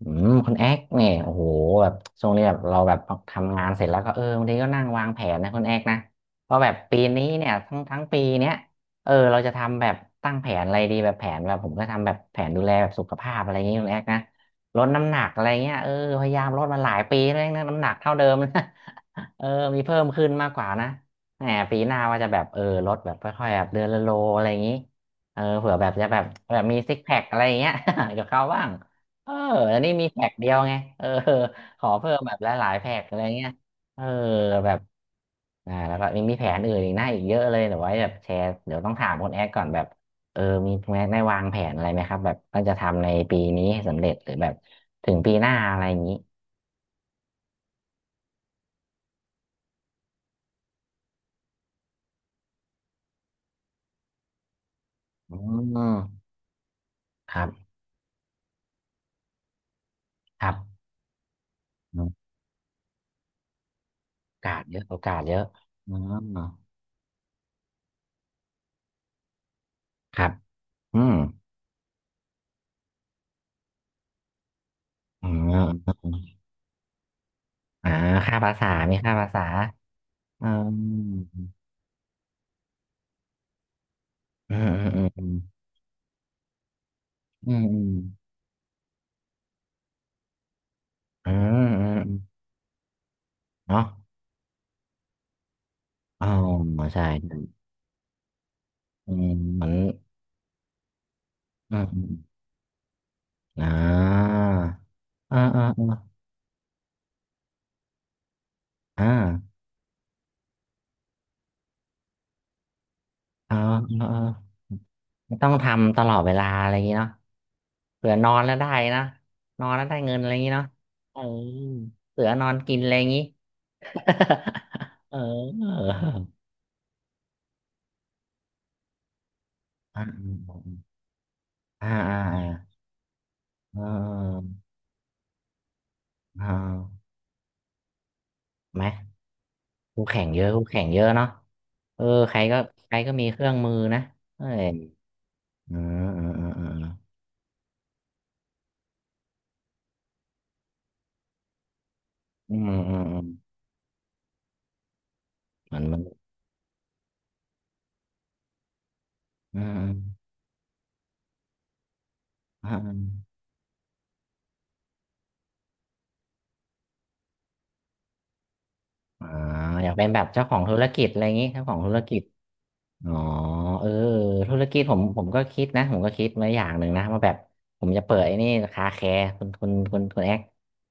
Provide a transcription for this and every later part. อืมคุณแอ๊กเนี่ยโอ้โหแบบช่วงนี้แบบเราแบบทำงานเสร็จแล้วก็เออบางทีก็นั่งวางแผนนะคุณแอ๊กนะเพราะแบบปีนี้เนี่ยทั้งปีเนี้ยเออเราจะทำแบบตั้งแผนอะไรดีแบบแผนแบบผมก็ทำแบบแผนดูแลแบบสุขภาพอะไรอย่างงี้คุณแอ๊กนะลดน้ำหนักอะไรเงี้ยเออพยายามลดมาหลายปีแล้วนะน้ำหนักเท่าเดิมนะ เออมีเพิ่มขึ้นมากกว่านะแหมปีหน้าว่าจะแบบเออลดแบบค่อยๆแบบเดือนละโลอะไรอย่างงี้เออเผื่อแบบจะแบบแบบมีซิกแพคอะไรอย่างเงี้ย เดีเขาบ้าง เอออันนี้มีแพ็กเดียวไงเออ ขอเพิ่มแบบหลายๆแพ็กอะไรเงี้ยเออแบบอ่าแล้วก็มีแผนอื่นอีกหน้าอีกเยอะเลยเดี๋ยวไว้แบบแชร์ เดี๋ยวต้องถามคุณแอคก่อนแบบเออมีแม้ได้วางแผนอะไรไหมครับแบบต้องจะทำในปีนี้ให้สำเร็จหรือแบบถึงปีหน้าอะไรอย่างนี้ อืม ครับครับอืมโอกาสเยอะ โอกาสเยอะอืมครับอืมอืมอมอ่าค่าภาษามีค่าภาษาอืม อืม อืมอืม อืมอืมอืมอืมอืมเนาะอ๋อใช่อืมเหมือนอืมอืมอ่าอ่าอ่าอ่าอ่าอ่าอ่าไม่ต้องทำตลอดเวลาอะไรอย่างงี้เนาะเผื่อนอนแล้วได้นะนอนแล้วได้เงินอะไรอย่างงี้เนาะเออเสือนอนกินอะไรอย่างงี้ เอออ่าอ่าอ่าอ่าอ่าเอ่าไหม คู่แข่งเยอะคู่แข่งเยอะเนาะเออใครก็ใครก็มีเครื่องมือนะเอ้ยอืมอืมอืมอืมอืมอืมอืมเหมือนมันอืมอืมอืมอ่าอยากเป็นแบบเจ้าของธุรกิจอะไรอย่างงี้เจ้าของธุรกิจ อ๋อเออธุรกิจผมก็คิดนะผมก็คิดมาอย่างหนึ่งนะว่าแบบผมจะเปิดไอ้นี่คาแคร์คุณแอก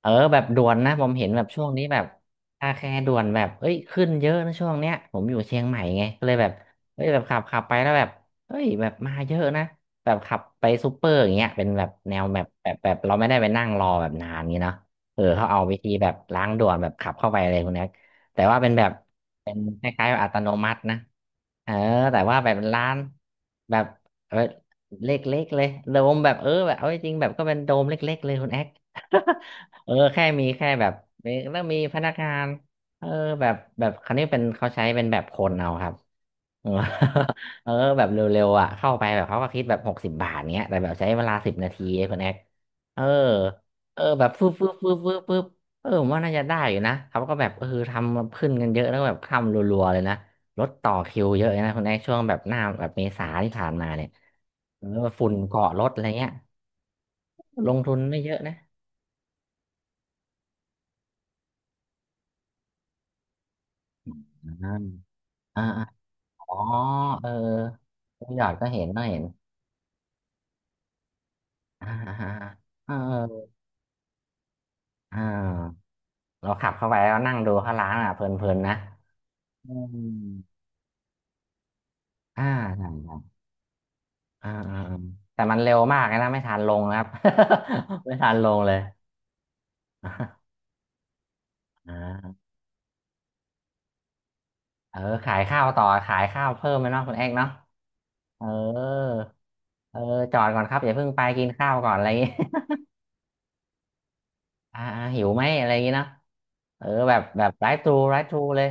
เออแบบด่วนนะผมเห็นแบบช่วงนี้แบบคาแคร์ด่วนแบบเอ้ยขึ้นเยอะนะช่วงเนี้ยผมอยู่เชียงใหม่ไงก็เลยแบบเอ้ยแบบขับไปแล้วแบบเอ้ยแบบมาเยอะนะแบบขับไปซูเปอร์อย่างเงี้ยเป็นแบบแนวแบบเราไม่ได้ไปนั่งรอแบบนานงี้เนาะเออเขาเอาวิธีแบบล้างด่วนแบบขับเข้าไปเลยคุณแอกแต่ว่าเป็นแบบเป็นคล้ายๆอัตโนมัตินะ เออแต่ว่าแบบร้านแบบเออเล็กๆเลยโดมแบบเออแบบเอาจริงๆแบบก็เป็นโดมเล็กๆเลยคุณแอ๊ก เออแค่มีแค่แบบมีแล้วมีพนักงานเออแบบแบบคันนี้เป็นเขาใช้เป็นแบบคนเอาครับเออ เออแบบเร็วๆอ่ะเข้าไปแบบเขาก็คิดแบบ60 บาทเงี้ยแต่แบบใช้เวลา10 นาทีเองคุณแอ๊กเออเออแบบฟึบฟึบฟึบฟึบฟึบเออผมว่าน่าจะได้อยู่นะเขาก็แบบเออทำขึ้นกันเยอะแล้วแบบทำรัวๆเลยนะ รถต่อคิวเยอะนะคุณแอกช่วงแบบหน้าแบบเมษาที่ผ่านมาเนี่ยเออฝุ่นเกาะรถอะไรเงี้ยลงทุนไม่เยอะนะอ่าอ่าอาอ๋อเออคุณหยอดก็เห็นก็เห็นอ่าอ่าอ่าเอออ่าเราขับเข้าไปแล้วนั่งดูเขาล้างอ่ะเพลินๆนะอืมอ่าใช่ใช่อ่าอ่าอ่าแต่มันเร็วมากเลยนะไม่ทันลงนะครับ ไม่ทันลงเลย อ่าเออขายข้าวต่อขายข้าวเพิ่มไหมเนาะคุณแอกเนาะ เออ เออ จอดก่อนครับอย่าเพิ่งไปกินข้าวก่อนอะไรอย่างงี้ อ่าอ่าหิวไหมอะไรอย่างงี้เนาะเออแบบแบบไลฟ์ทรูไลฟ์ทรูเลย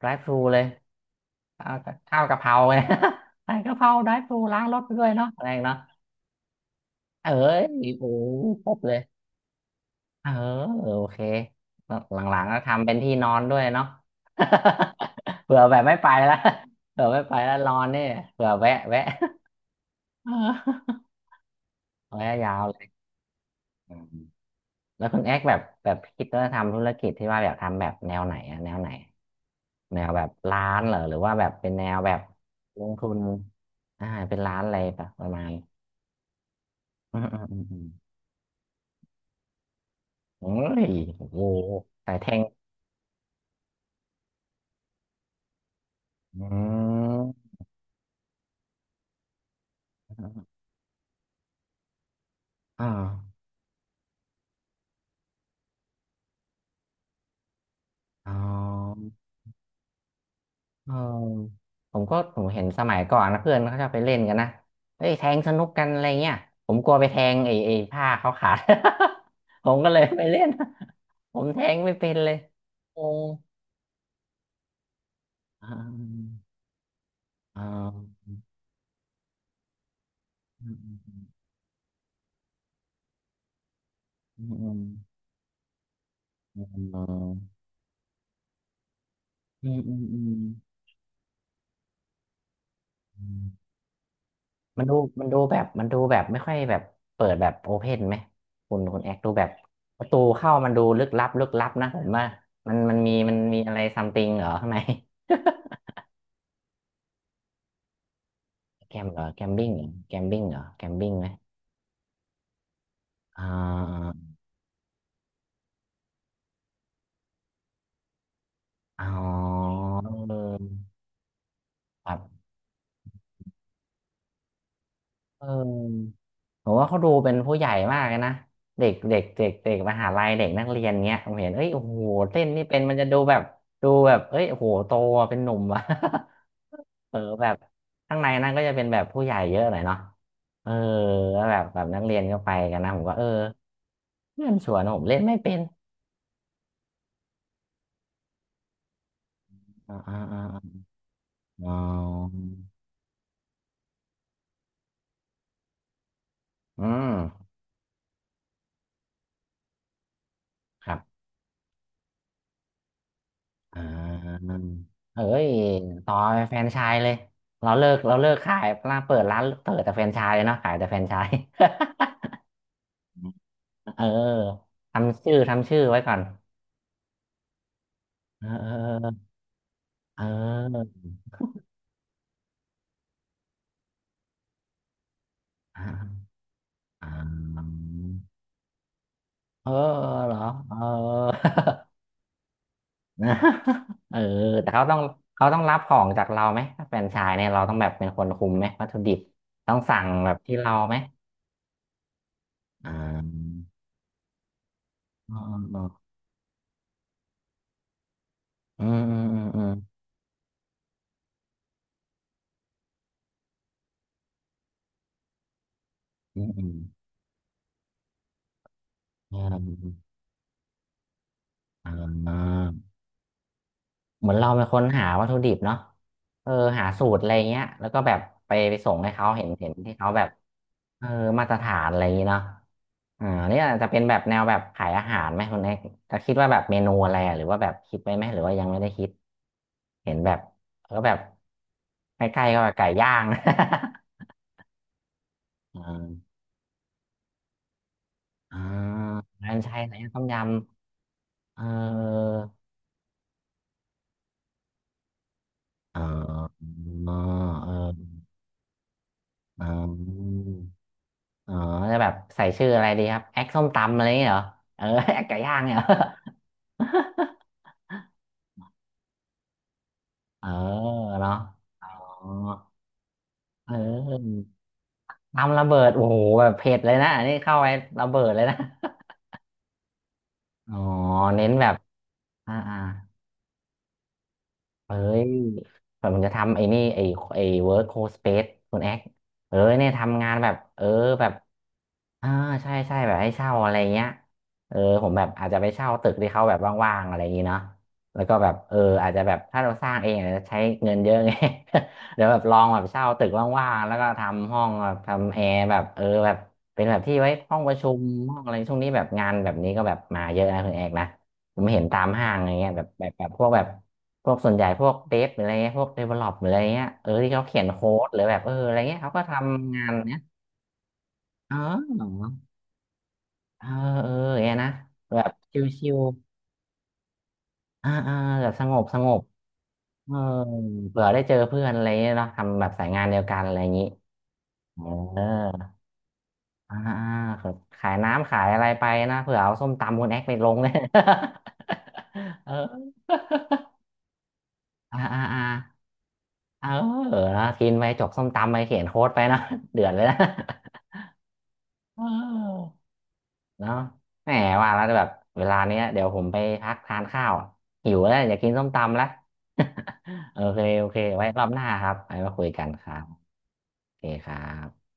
ไลฟ์ทรูเลยข้าวกะเพราไง ใส่กะเพราไลฟ์ทรูล้างรถไปด้วยเนาะอะไรอย่างเี้เนาะเอ้ยโอ้ครบเลยเออโอเคหลังๆก็ทำเป็นที่นอนด้วยเนาะ เผื่อแบบไม่ไปแล้ว เผื่อไม่ไปแล้วนอนนี่เผื่อแวะเออ แวะยาวเลย แล้วคุณแอคแบบแบบคิดว่าทำธุรกิจที่ว่าแบบทำแบบแนวไหนอะแนวไหนแนวแบบร้านเหรอหรือว่าแบบเป็นแนวแบบลงทุนอ่าเป็นร้านอะไรแบบประมาณอืมอืมอืมอืมโอ้ยโอ้โหสายแทงอืมอ่าอ๋อ เออผมก็ผมเห็นสมัยก่อนนะเพื่อนเขาชอบไปเล่นกันนะ เฮ้ยแทงสนุกกันอะไรเงี้ย ผมกลัวไปแทงไอ้ผ้าเขาขาด ผมก็เลยไปเล่น ผมแทงไม่เป็นเลยโอ้อ่าอ่าอืมอืมอืมอืมอืมอืมอืมอืมอืมมันดูมันดูแบบไม่ค่อยแบบเปิดแบบโอเพนไหมคุณแอคดูแบบประตูเข้ามันดูลึกลับลึกลับนะผมว่ามันมีอะไรซัมติงเหรอข้างใน แกมเหรอแกมบิ้งเหรอแกมบิ้งเหรอแกมบิ้งไหมอ่าอ๋อเออครับเออผมว่าเขาดูเป็นผู้ใหญ่มากเลยนะเด็กเด็กเด็กเด็กมหาลัยเด็กนักเรียนเงี้ยผมเห็นเอ้ยโอ้โหเต้นนี่เป็นมันจะดูแบบเอ้ยโอ้โหโตอะเป็นหนุ่มอะเออแบบข้างในนั่นก็จะเป็นแบบผู้ใหญ่เยอะหน่อยเนาะเออแล้วแบบนักเรียนก็ไปกันนะผมก็เออเพื่อนชวนผมเล่นไม่เป็นอ่าอ่าอ่าอ๋ออืม ครับอ่าเอ้ยต่อไปแฟรนไชส์เลย เราเลิกขายร้านเปิดแต่แฟรนไชส์เลยเนาะขายแต่แฟรนไชส์ เออทำชื่อไว้ก่อน เออเออเอออ่าอ่าเออเหรอเออนะ เออแต่เขาต้องรับของจากเราไหมถ้าแฟรนไชส์เนี่ยเราต้องแบบเป็นคนคุมไหมวัตถุดิบ ต้องสั่งแบบที่เราไหมอ่าอืมอืมอืมอืม อืมอืมอืมอ่าเหมือนเราเป็นคนหาวัตถุดิบเนาะเออหาสูตรอะไรเงี้ยแล้วก็แบบไปส่งให้เขาเห็นที่เขาแบบเออมาตรฐานอะไรอย่างงี้เนาะอ่านี่อาจจะเป็นแบบแนวแบบขายอาหารไหมคุณเอกจะคิดว่าแบบเมนูอะไรอะหรือว่าแบบคิดไว้ไหมหรือว่ายังไม่ได้คิดเห็นแบบก็แบบใกล้ๆก็แบบไก่ย่าง อ่าอ่าอันใช่ไหนต้มยำเอออ๋อเออ อ๋ออ๋อจะแบบใส่ชื่ออะไรดีครับ แอคส้มตำอะไรอย่างเงี้ยเหรอเออ แอคไก่ย่างเนี่ยเหรอ เออเนาะอ๋อเออตำระเบิดโอ้โหแบบเผ็ดเลยนะอันนี้เข้าไประเบิดเลยนะ อ๋อเน้นแบบอ่าอ่าเอ้ยแบบมันจะทำไอ้นี่ไอ้เวิร์คโคสเปซคุณแอคเออเนี่ยทำงานแบบเออแบบ อ่าใช่ใช่แบบให้เช่าอะไรเงี้ยเออผมแบบอาจจะไปเช่าตึกที่เขาแบบว่างๆอะไรอย่างงี้เนาะแล้วก็แบบเอออาจจะแบบถ้าเราสร้างเองอาจจะใช้เงินเยอะไง เดี๋ยวแบบลองแบบเช่าตึกว่างๆแล้วก็ทำห้องแบบทำแอร์แบบเออแบบเป็นแบบที่ไว้ห้องประชุมห้องอะไรช่วงนี้แบบงานแบบนี้ก็แบบมาเยอะนะคุณแอกนะผมเห็นตามห้างอะไรเงี้ยแบบพวกแบบพวกส่วนใหญ่พวกเดฟหรืออะไรเงี้ยพวกเดเวลลอปหรืออะไรเงี้ยเออที่เขาเขียนโค้ดหรือแบบเอออะไรเงี้ยเขาก็ทำงานเนี้ยอ๋อ เออเออแอยนะแบบชิวๆอ่าอ่าแบบสงบสงบเออเผื่อได้เจอเพื่อนอะไรเงี้ยเนาะทำแบบสายงานเดียวกันอะไรอย่างนี้เอออ่าอ่าขายน้ำขายอะไรไปนะเผื่อเอาส้มตำคุณแอกไปลงเนี่ย เอออ่าอ่าอ่าเออนะกินไปจกส้มตำไปเขียนโค้ดไปนะ เดือดเลยนะ เออ เนาะแหมว่าแล้วแบบเวลาเนี้ยเดี๋ยวผมไปพักทานข้าวหิวแล้วอยากกินส้มตำแล้ว โอเคโอเคไว้รอบหน้าครับไว้มาคุยกันครับโอเคครับ